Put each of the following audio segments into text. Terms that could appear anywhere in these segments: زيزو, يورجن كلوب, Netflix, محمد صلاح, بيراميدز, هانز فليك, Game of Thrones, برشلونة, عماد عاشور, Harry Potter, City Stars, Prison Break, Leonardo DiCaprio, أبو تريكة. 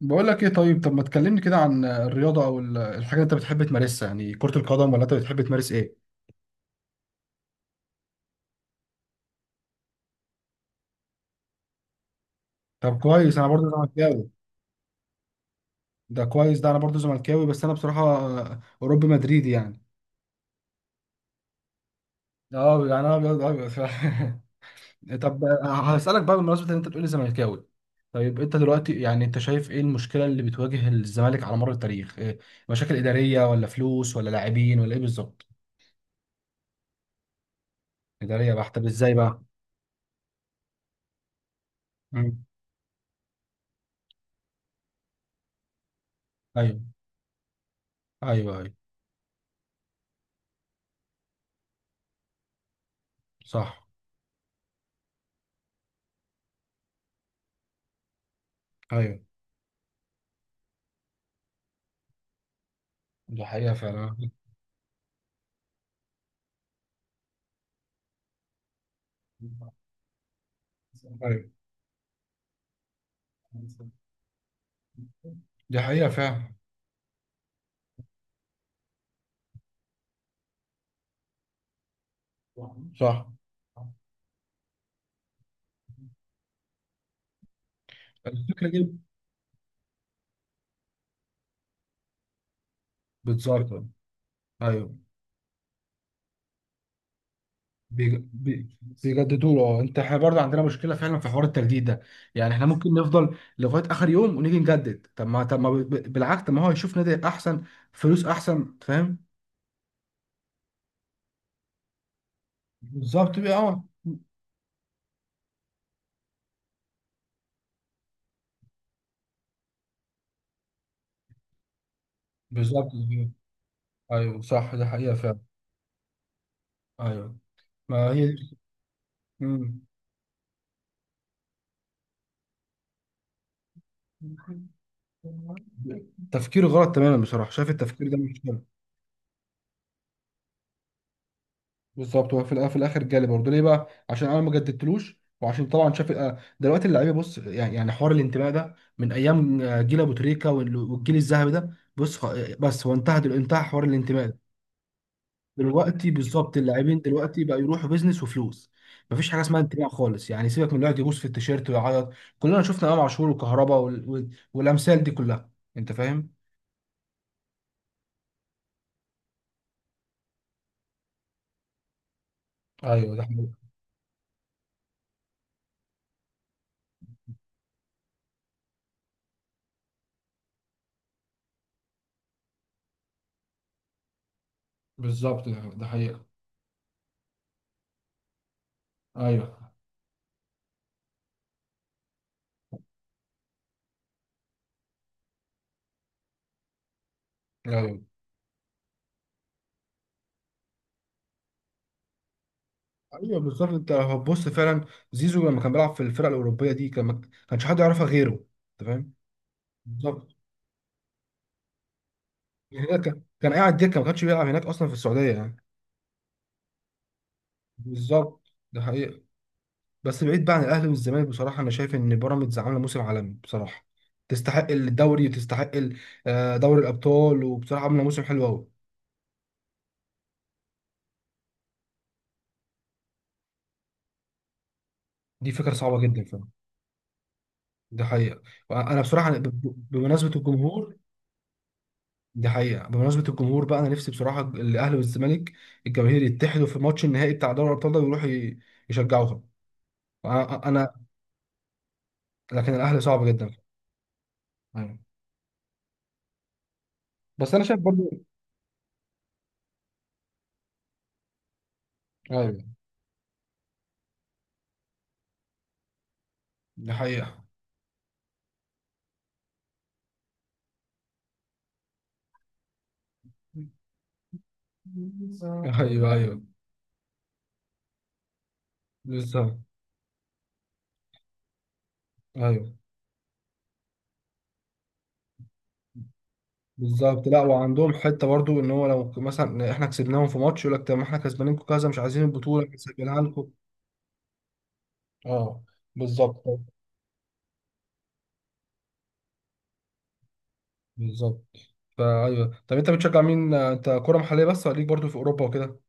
بقول لك ايه؟ طيب طب ما تكلمني كده عن الرياضه، او الحاجه اللي انت بتحب تمارسها، يعني كره القدم ولا انت بتحب تمارس ايه؟ طب كويس، انا برضو زملكاوي. ده كويس، ده انا برضو زملكاوي، بس انا بصراحه اوروبي مدريدي يعني. اه، يعني انا ابيض ابيض فعلا. طب، هسالك بقى بمناسبه ان انت بتقولي زملكاوي. طيب انت دلوقتي، يعني انت شايف ايه المشكله اللي بتواجه الزمالك على مر التاريخ، إيه؟ مشاكل اداريه ولا فلوس ولا لاعبين ولا ايه بالظبط؟ اداريه بقى، طب ازاي بقى؟ مم. ايوه. ايوه ايوه. صح. ايوه، دي حقيقة فعلا. أيوة. دي حقيقة فعلا. صح. الفكرة دي بتظهر. أيوه. بيجددوا له. اه، انت احنا برضه عندنا مشكله فعلا في حوار التجديد ده، يعني احنا ممكن نفضل لغايه اخر يوم ونيجي نجدد. طب ما بالعكس، طب ما هو يشوف نادي احسن، فلوس احسن، فاهم؟ بالظبط بقى. اه، بالظبط، ايوه، صح، دي حقيقه فعلا. ايوه، ما هي. مم. تفكير غلط تماما بصراحه، شايف التفكير ده مش حلو. بالظبط، هو في في الاخر جالي برضه، ليه بقى؟ عشان انا ما جددتلوش، وعشان طبعا شاف دلوقتي اللعيبه، بص، يعني حوار الانتماء ده من ايام جيل ابو تريكه والجيل الذهبي ده، بص بس هو انتهى، انتهى حوار الانتماء ده. دلوقتي بالظبط، اللاعبين دلوقتي بقى يروحوا بيزنس وفلوس، مفيش حاجه اسمها انتماء خالص يعني، سيبك من اللي يقعد يبوس في التيشيرت ويعيط. كلنا شفنا امام عاشور وكهربا والامثال دي كلها، انت فاهم. ايوه، ده حقيقة. بالظبط، ده حقيقة. ايوه ايوه. ايوه بالظبط، انت لو هتبص فعلا، زيزو لما كان بيلعب في الفرق الاوروبيه دي، ما كانش حد يعرفها غيره، انت فاهم. بالظبط. يعني ده كان قاعد دكه، ما كانش بيلعب هناك اصلا في السعوديه يعني. بالظبط، ده حقيقه. بس بعيد بقى عن الاهلي والزمالك، بصراحه انا شايف ان بيراميدز عامله موسم عالمي بصراحه، تستحق الدوري وتستحق دوري الابطال، وبصراحه عامله موسم حلو قوي. دي فكره صعبه جدا فعلا. ده حقيقه. انا بصراحه بمناسبه الجمهور. دي حقيقة، بمناسبة الجمهور بقى، أنا نفسي بصراحة الأهلي والزمالك الجماهير يتحدوا في ماتش النهائي بتاع دوري الأبطال ده، ويروحوا يشجعوهم. أنا أنا- لكن الأهلي صعب جدا. أيوة. بس أنا شايف برضو. أيوة، دي حقيقة. أيوة أيوة بالظبط. أيوة بالظبط. لا وعندهم حتة برضو، إن هو لو مثلا إحنا كسبناهم في ماتش، يقول لك طب ما إحنا كسبانينكم كذا، مش عايزين البطولة نسجلها لكم. أه، بالظبط. بالظبط. فأيوه، طب أنت بتشجع مين؟ أنت كرة محلية بس ولا ليك برضو في أوروبا وكده؟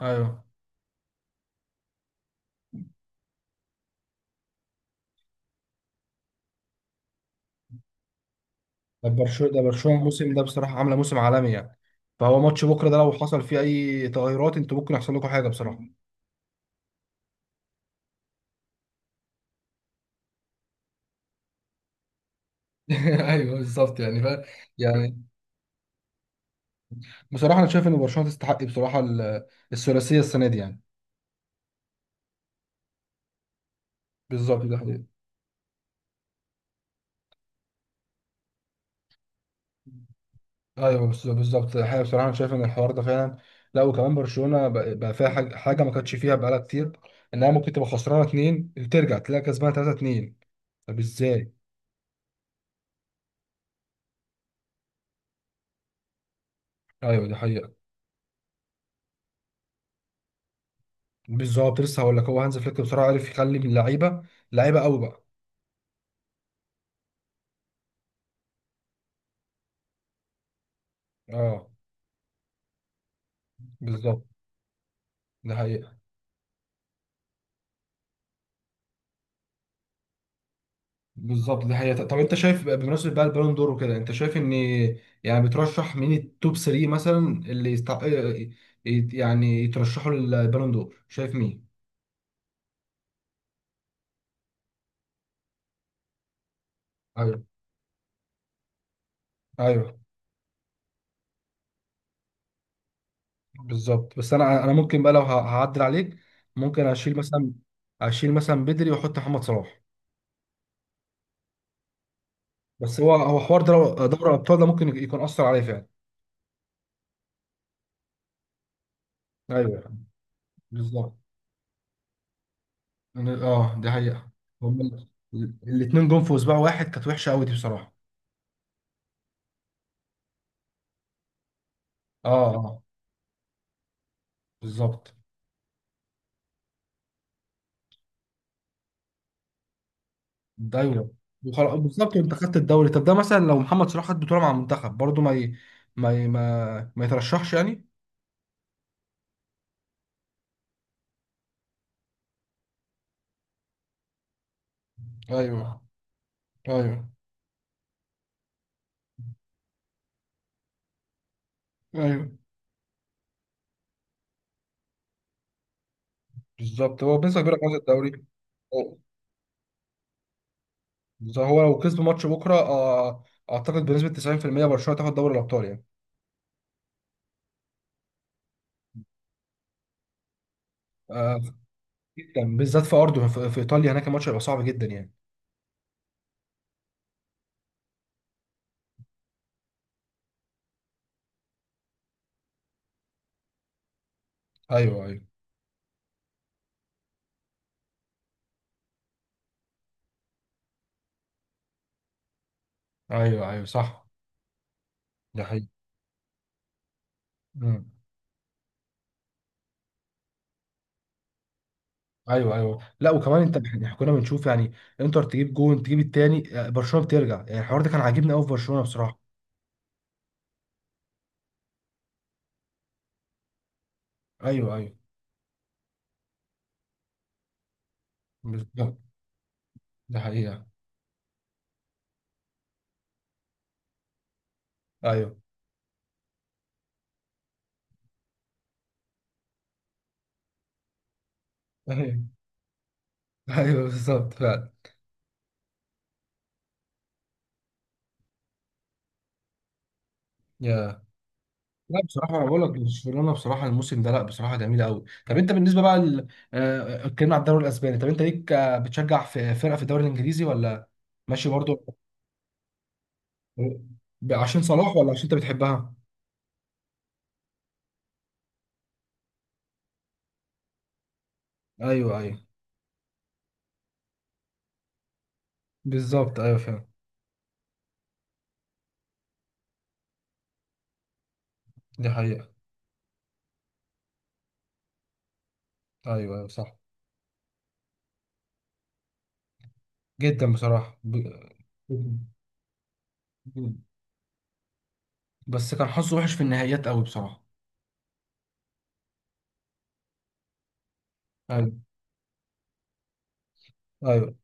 ايوه. برشلونة الموسم ده بصراحة عاملة موسم عالمي يعني، فهو ماتش بكرة ده لو حصل فيه أي تغيرات أنتوا ممكن يحصل لكم حاجة بصراحة. ايوه بالظبط، يعني فاهم، يعني بصراحة أنا شايف إن برشلونة تستحق بصراحة الثلاثية السنة دي يعني. بالظبط، ده حقيقي. ايوه، بالظبط الحقيقه، بصراحه انا شايف ان الحوار ده فعلا. لا وكمان برشلونه بقى فيها حاجة ما كانتش فيها بقالها كتير، انها ممكن تبقى خسرانه اتنين، ترجع تلاقي كسبانه تلاته اتنين. طب ازاي؟ ايوه ده حقيقي. بالظبط، لسه هقول لك، هو هانز فليك بصراحه عرف يخلي اللعيبه لعيبه قوي بقى. اه بالظبط. ده حقيقه. بالظبط، ده حقيقه. طب انت شايف بمناسبه بقى البالون دور وكده، انت شايف ان يعني بترشح مين التوب 3 مثلا؟ اللي يستع... يعني يترشحوا للبالون دور، شايف مين؟ ايوه ايوه بالظبط. بس انا ممكن بقى، لو هعدل عليك. ممكن اشيل مثلا بدري واحط محمد صلاح. بس هو حوار دوري ابطال ده ممكن يكون اثر عليه فعلا. ايوه بالظبط. اه، دي حقيقة. هما الاتنين جم في اسبوع واحد، كانت وحشة قوي دي بصراحة. اه اه. بالظبط. ده ايوه. وخلاص بالظبط، وانت خدت الدوري. طب ده مثلا لو محمد صلاح خد بطولة مع المنتخب برضه، ما ي... ما ي... ما ما يترشحش يعني. ايوه ايوه ايوه بالظبط، هو بنسبة كبيرة خد الدوري. هو هو لو كسب ماتش بكرة، اعتقد بنسبة 90% برشلونة تاخد دوري الابطال يعني. آه، جدا بالذات في ارضه، في ايطاليا هناك، الماتش هيبقى صعب جدا يعني. ايوه ايوه. ايوه ايوه صح. ده حقيقي. مم. ايوه ايوه، لا وكمان، احنا كنا بنشوف يعني، انتر تجيب جون تجيب التاني، برشلونه بترجع، يعني الحوار ده كان عاجبني قوي في برشلونه بصراحه. ايوه ايوه بالظبط، ده حقيقه. ايوه. ايوه ايوه بالظبط فعلا. يا. لا بصراحه انا بقول لك، برشلونه بصراحه الموسم ده، لا بصراحه جميله قوي. طب انت بالنسبه بقى اتكلمنا على الدوري الاسباني، طب انت ليك بتشجع في فرقه في الدوري الانجليزي ولا ماشي برضو؟ عشان صلاح ولا عشان انت بتحبها؟ ايوه ايوه بالظبط. ايوه فعلا، دي حقيقه. ايوه ايوه صح. جدا بصراحة بس كان حظه وحش في النهائيات قوي بصراحة. ايوه ايوه.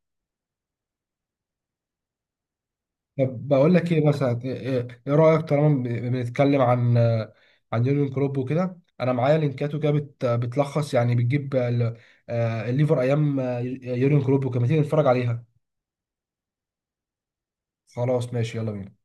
طب بقول لك، ايه مثلا ايه إيه- إيه رأيك طالما بنتكلم عن يورجن كلوب وكده، انا معايا لينكاته كده بتلخص يعني، بتجيب الليفر ايام يورجن كلوب وكده، ما تيجي نتفرج عليها. خلاص ماشي، يلا بينا.